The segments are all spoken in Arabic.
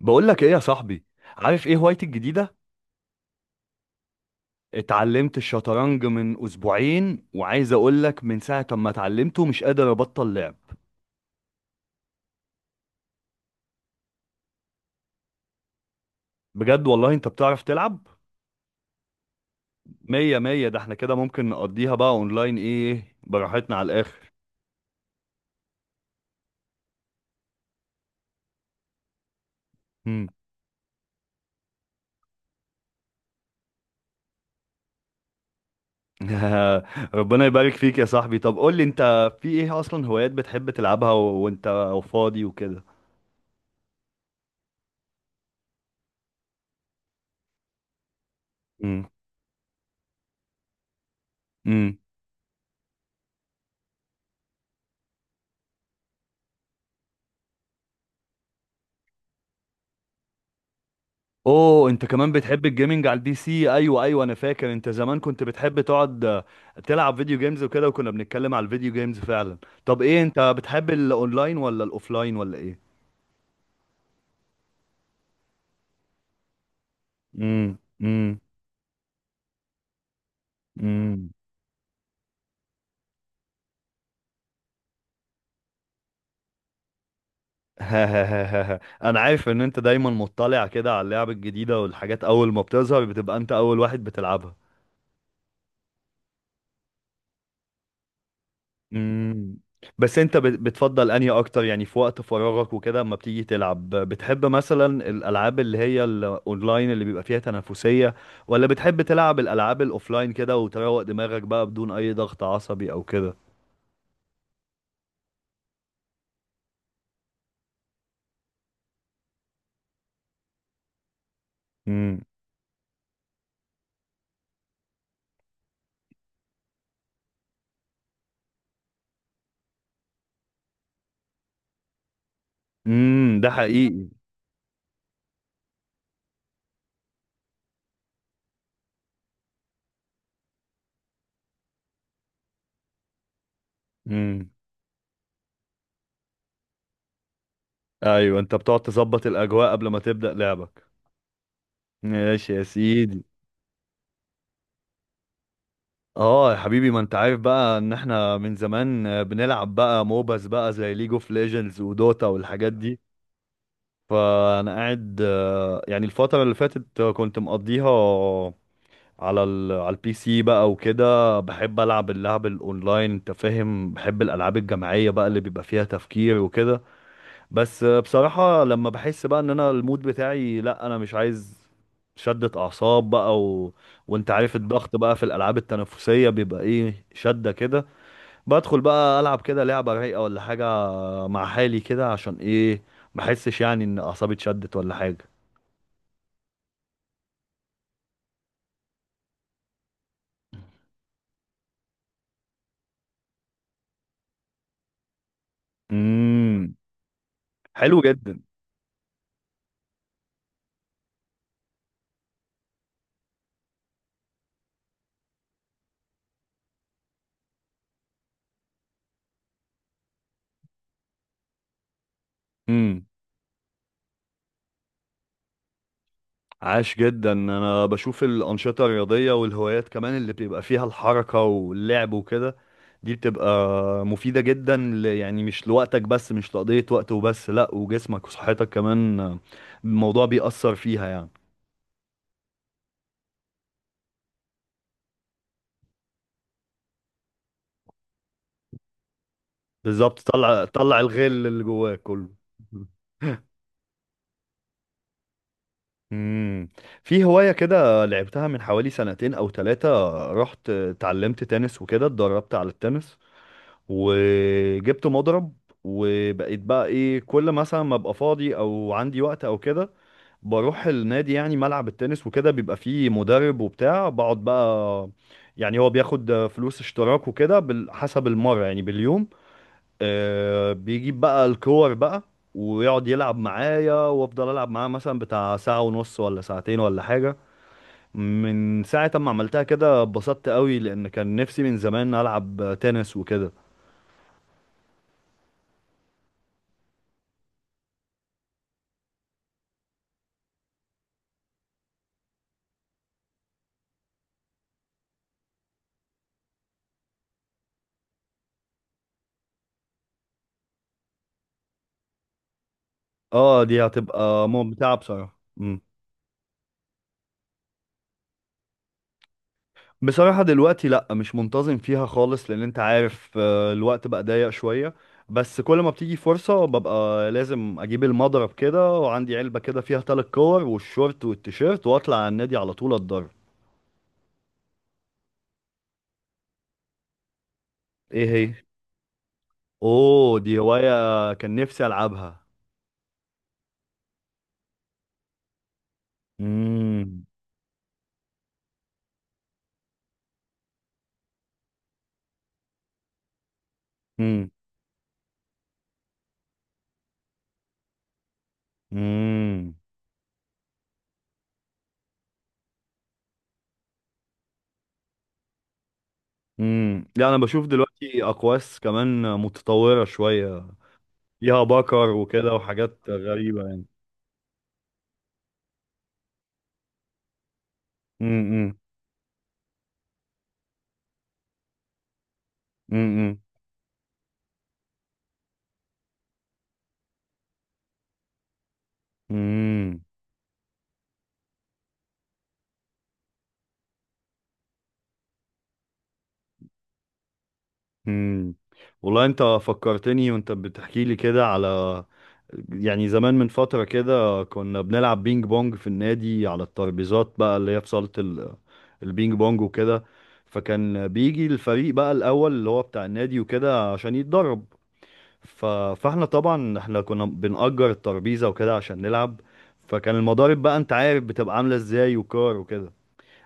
بقول لك ايه يا صاحبي؟ عارف ايه هوايتي الجديده؟ اتعلمت الشطرنج من 2 اسابيع، وعايز اقول لك من ساعه ما اتعلمته مش قادر ابطل لعب. بجد والله؟ انت بتعرف تلعب؟ مية مية. ده احنا كده ممكن نقضيها بقى اونلاين، ايه، براحتنا على الاخر. مم. ربنا يبارك فيك يا صاحبي. طب قول لي انت، في ايه اصلا هوايات بتحب تلعبها وانت فاضي وكده؟ امم. اوه، انت كمان بتحب الجيمنج على البي سي؟ ايوه ايوه، انا فاكر انت زمان كنت بتحب تقعد تلعب فيديو جيمز وكده، وكنا بنتكلم على الفيديو جيمز فعلا. طب ايه، انت بتحب الاونلاين ولا الاوفلاين ولا ايه؟ امم، امم، امم. انا عارف ان انت دايما مطلع كده على اللعب الجديدة والحاجات، اول ما بتظهر بتبقى انت اول واحد بتلعبها. امم. بس انت بتفضل انهي اكتر، يعني في وقت فراغك وكده، اما بتيجي تلعب بتحب مثلا الالعاب اللي هي الاونلاين اللي بيبقى فيها تنافسية، ولا بتحب تلعب الالعاب الاوفلاين كده وتروق دماغك بقى بدون اي ضغط عصبي او كده؟ امم، امم، ده حقيقي. امم. ايوه، انت بتقعد تظبط الاجواء قبل ما تبدأ لعبك. ماشي يا سيدي. اه يا حبيبي، ما انت عارف بقى ان احنا من زمان بنلعب بقى موباز بقى زي ليج اوف ليجندز ودوتا والحاجات دي. فانا قاعد، يعني الفتره اللي فاتت، كنت مقضيها على البي سي بقى وكده. بحب العب اللعب الاونلاين، انت فاهم، بحب الالعاب الجماعيه بقى اللي بيبقى فيها تفكير وكده. بس بصراحه لما بحس بقى ان انا المود بتاعي لا، انا مش عايز شدة اعصاب بقى، وانت عارف الضغط بقى في الالعاب التنافسيه بيبقى ايه، شده كده. بدخل بقى العب كده لعبه رايقه ولا حاجه، مع حالي كده، عشان ايه؟ ما احسش يعني ان اعصابي اتشدت ولا حاجه. امم. حلو جدا. امم. عاش جدا. انا بشوف الانشطه الرياضيه والهوايات كمان اللي بيبقى فيها الحركه واللعب وكده، دي بتبقى مفيده جدا، يعني مش لوقتك بس، مش لقضيه وقت وبس، لا، وجسمك وصحتك كمان، الموضوع بيأثر فيها يعني. بالظبط، طلع طلع الغل اللي جواك كله. امم. في هواية كده لعبتها من حوالي سنتين او 3، رحت اتعلمت تنس وكده، اتدربت على التنس وجبت مضرب، وبقيت بقى ايه كل مثلا ما ابقى فاضي او عندي وقت او كده بروح النادي، يعني ملعب التنس وكده، بيبقى فيه مدرب وبتاع، بقعد بقى. يعني هو بياخد فلوس اشتراك وكده حسب المرة يعني باليوم، بيجيب بقى الكور بقى ويقعد يلعب معايا وافضل العب معاه مثلا بتاع ساعة ونص ولا ساعتين ولا حاجة. من ساعة ما عملتها كده اتبسطت قوي، لان كان نفسي من زمان العب تنس وكده. اه دي هتبقى ممتعة بصراحة. مم. بصراحة دلوقتي لا، مش منتظم فيها خالص، لان انت عارف الوقت بقى ضيق شوية، بس كل ما بتيجي فرصة ببقى لازم اجيب المضرب كده، وعندي علبة كده فيها 3 كور والشورت والتيشيرت، واطلع على النادي على طول اتدرب. ايه هي؟ اوه، دي هواية كان نفسي العبها. امم، امم، امم، امم. لا انا بشوف دلوقتي اقواس كمان متطورة شوية، فيها بكر وكده وحاجات غريبة يعني. امم، امم، امم، امم. والله انت فكرتني وانت بتحكي لي كده على، يعني زمان من فترة كده كنا بنلعب بينج بونج في النادي، على الترابيزات بقى اللي هي في صالة البينج بونج وكده. فكان بيجي الفريق بقى الأول اللي هو بتاع النادي وكده عشان يتدرب، فاحنا طبعا احنا كنا بنأجر الترابيزة وكده عشان نلعب. فكان المضارب بقى، انت عارف بتبقى عاملة ازاي، وكار وكده،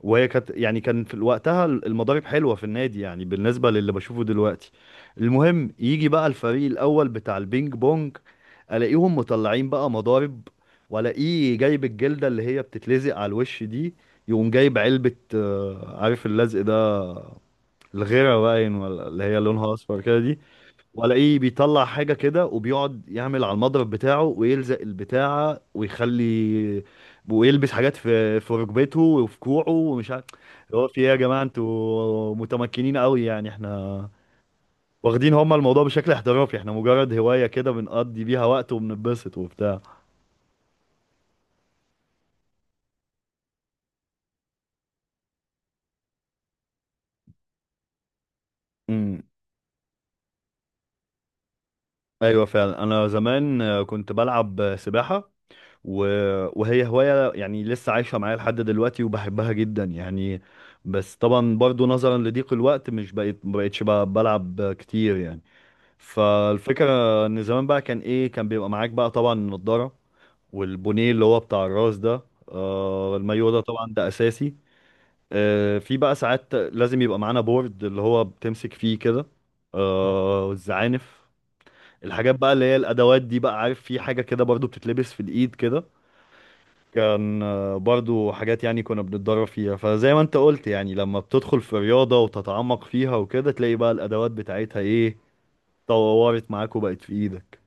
وهي كانت يعني كان في وقتها المضارب حلوه في النادي يعني بالنسبه للي بشوفه دلوقتي. المهم يجي بقى الفريق الاول بتاع البينج بونج، الاقيهم مطلعين بقى مضارب، والاقيه جايب الجلده اللي هي بتتلزق على الوش دي. يقوم جايب علبه، عارف اللزق ده، الغيره باين، ولا اللي هي لونها اصفر كده دي. وألاقيه بيطلع حاجة كده وبيقعد يعمل على المضرب بتاعه ويلزق البتاعة ويخلي، ويلبس حاجات في ركبته وفي كوعه ومش عارف. هو في ايه يا جماعة، انتوا متمكنين قوي يعني؟ احنا واخدين هما الموضوع بشكل احترافي، احنا مجرد هواية كده بنقضي بيها وقت وبنتبسط وبتاع. امم. ايوه فعلا، انا زمان كنت بلعب سباحة، و... وهي هواية يعني لسه عايشة معايا لحد دلوقتي وبحبها جدا يعني. بس طبعا برضو نظرا لضيق الوقت مش بقيت، ما بقيتش بلعب كتير يعني. فالفكرة ان زمان بقى كان ايه كان بيبقى معاك بقى طبعا النضارة. والبونيه اللي هو بتاع الراس ده، المايو ده طبعا ده اساسي. في بقى ساعات لازم يبقى معانا بورد اللي هو بتمسك فيه كده، الزعانف، الحاجات بقى اللي هي الادوات دي بقى. عارف في حاجة كده برضو بتتلبس في الايد كده، كان برضو حاجات يعني كنا بنتدرب فيها. فزي ما انت قلت، يعني لما بتدخل في الرياضة وتتعمق فيها وكده تلاقي بقى الأدوات بتاعتها ايه طورت معاك وبقت في ايدك.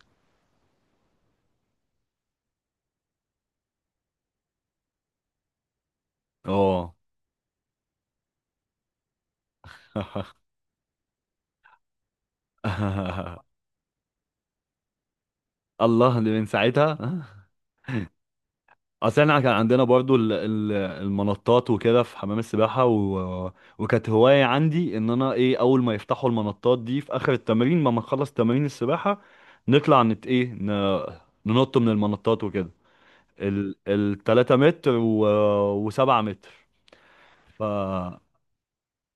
اه. الله، دي من ساعتها. اصل احنا كان عندنا برضو المنطات وكده في حمام السباحه، وكانت هوايه عندي ان انا ايه، اول ما يفتحوا المنطات دي في اخر التمرين، ما نخلص تمارين السباحه نطلع ننط من المنطات وكده، الـ3 متر وسبعة متر. ف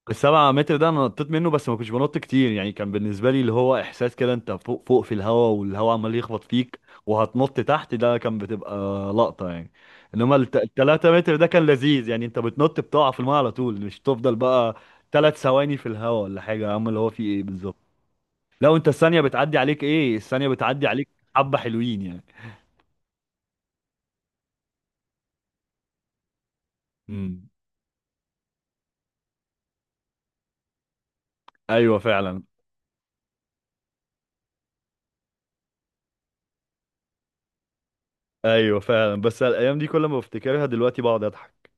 الـ7 متر ده انا نطيت منه بس ما كنتش بنط كتير، يعني كان بالنسبة لي اللي هو احساس كده انت فوق فوق في الهوا والهوا عمال يخبط فيك وهتنط تحت، ده كان بتبقى لقطة يعني. انما التلاتة متر ده كان لذيذ، يعني انت بتنط بتقع في الماء على طول، مش تفضل بقى 3 ثواني في الهوا ولا حاجة. يا عم اللي هو في ايه بالظبط؟ لو انت الثانية بتعدي عليك، ايه الثانية بتعدي عليك حبة حلوين يعني. امم. ايوه فعلا. ايوه فعلا، بس الايام دي كل ما بفتكرها دلوقتي بقعد اضحك.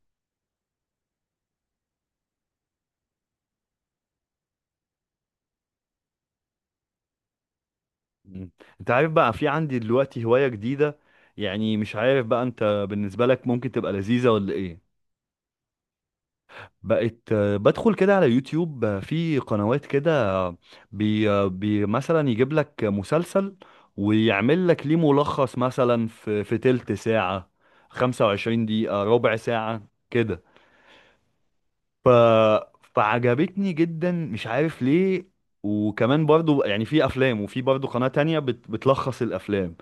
مم. انت عارف بقى في عندي دلوقتي هواية جديدة، يعني مش عارف بقى انت بالنسبة لك ممكن تبقى لذيذة ولا ايه. بقت بدخل كده على يوتيوب، في قنوات كده، بي مثلا يجيب لك مسلسل ويعمل لك ليه ملخص مثلا في تلت ساعة، 25 دقيقة، ربع ساعة كده. ف... فعجبتني جدا مش عارف ليه. وكمان برضو يعني في افلام، وفي برضو قناة تانية بتلخص الافلام.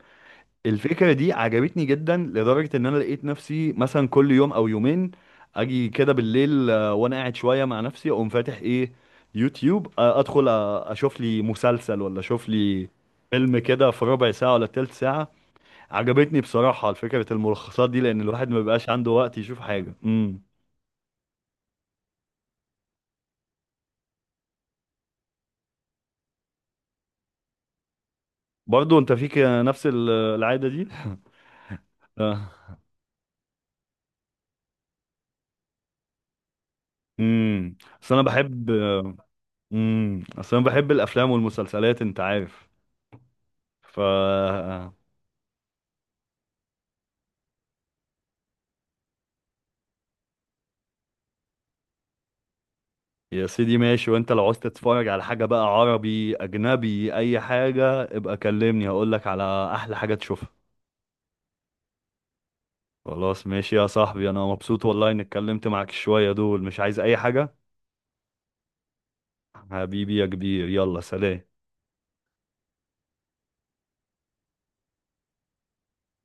الفكرة دي عجبتني جدا لدرجة ان انا لقيت نفسي مثلا كل يوم او يومين. اجي كده بالليل، وانا قاعد شوية مع نفسي اقوم فاتح ايه، يوتيوب، ادخل اشوف لي مسلسل ولا اشوف لي فيلم كده في ربع ساعة ولا تلت ساعة. عجبتني بصراحة فكرة الملخصات دي، لأن الواحد ما بيبقاش عنده وقت يشوف حاجة. امم. برضو انت فيك نفس العادة دي. اه. امم. اصل انا بحب اصل انا بحب الافلام والمسلسلات، انت عارف. ف يا سيدي ماشي، وانت لو عاوز تتفرج على حاجه بقى، عربي اجنبي اي حاجه، ابقى كلمني هقول لك على احلى حاجه تشوفها. خلاص ماشي يا صاحبي، انا مبسوط والله اني اتكلمت معاك شويه دول، مش عايز اي حاجه. حبيبي يا كبير، يلا سلام.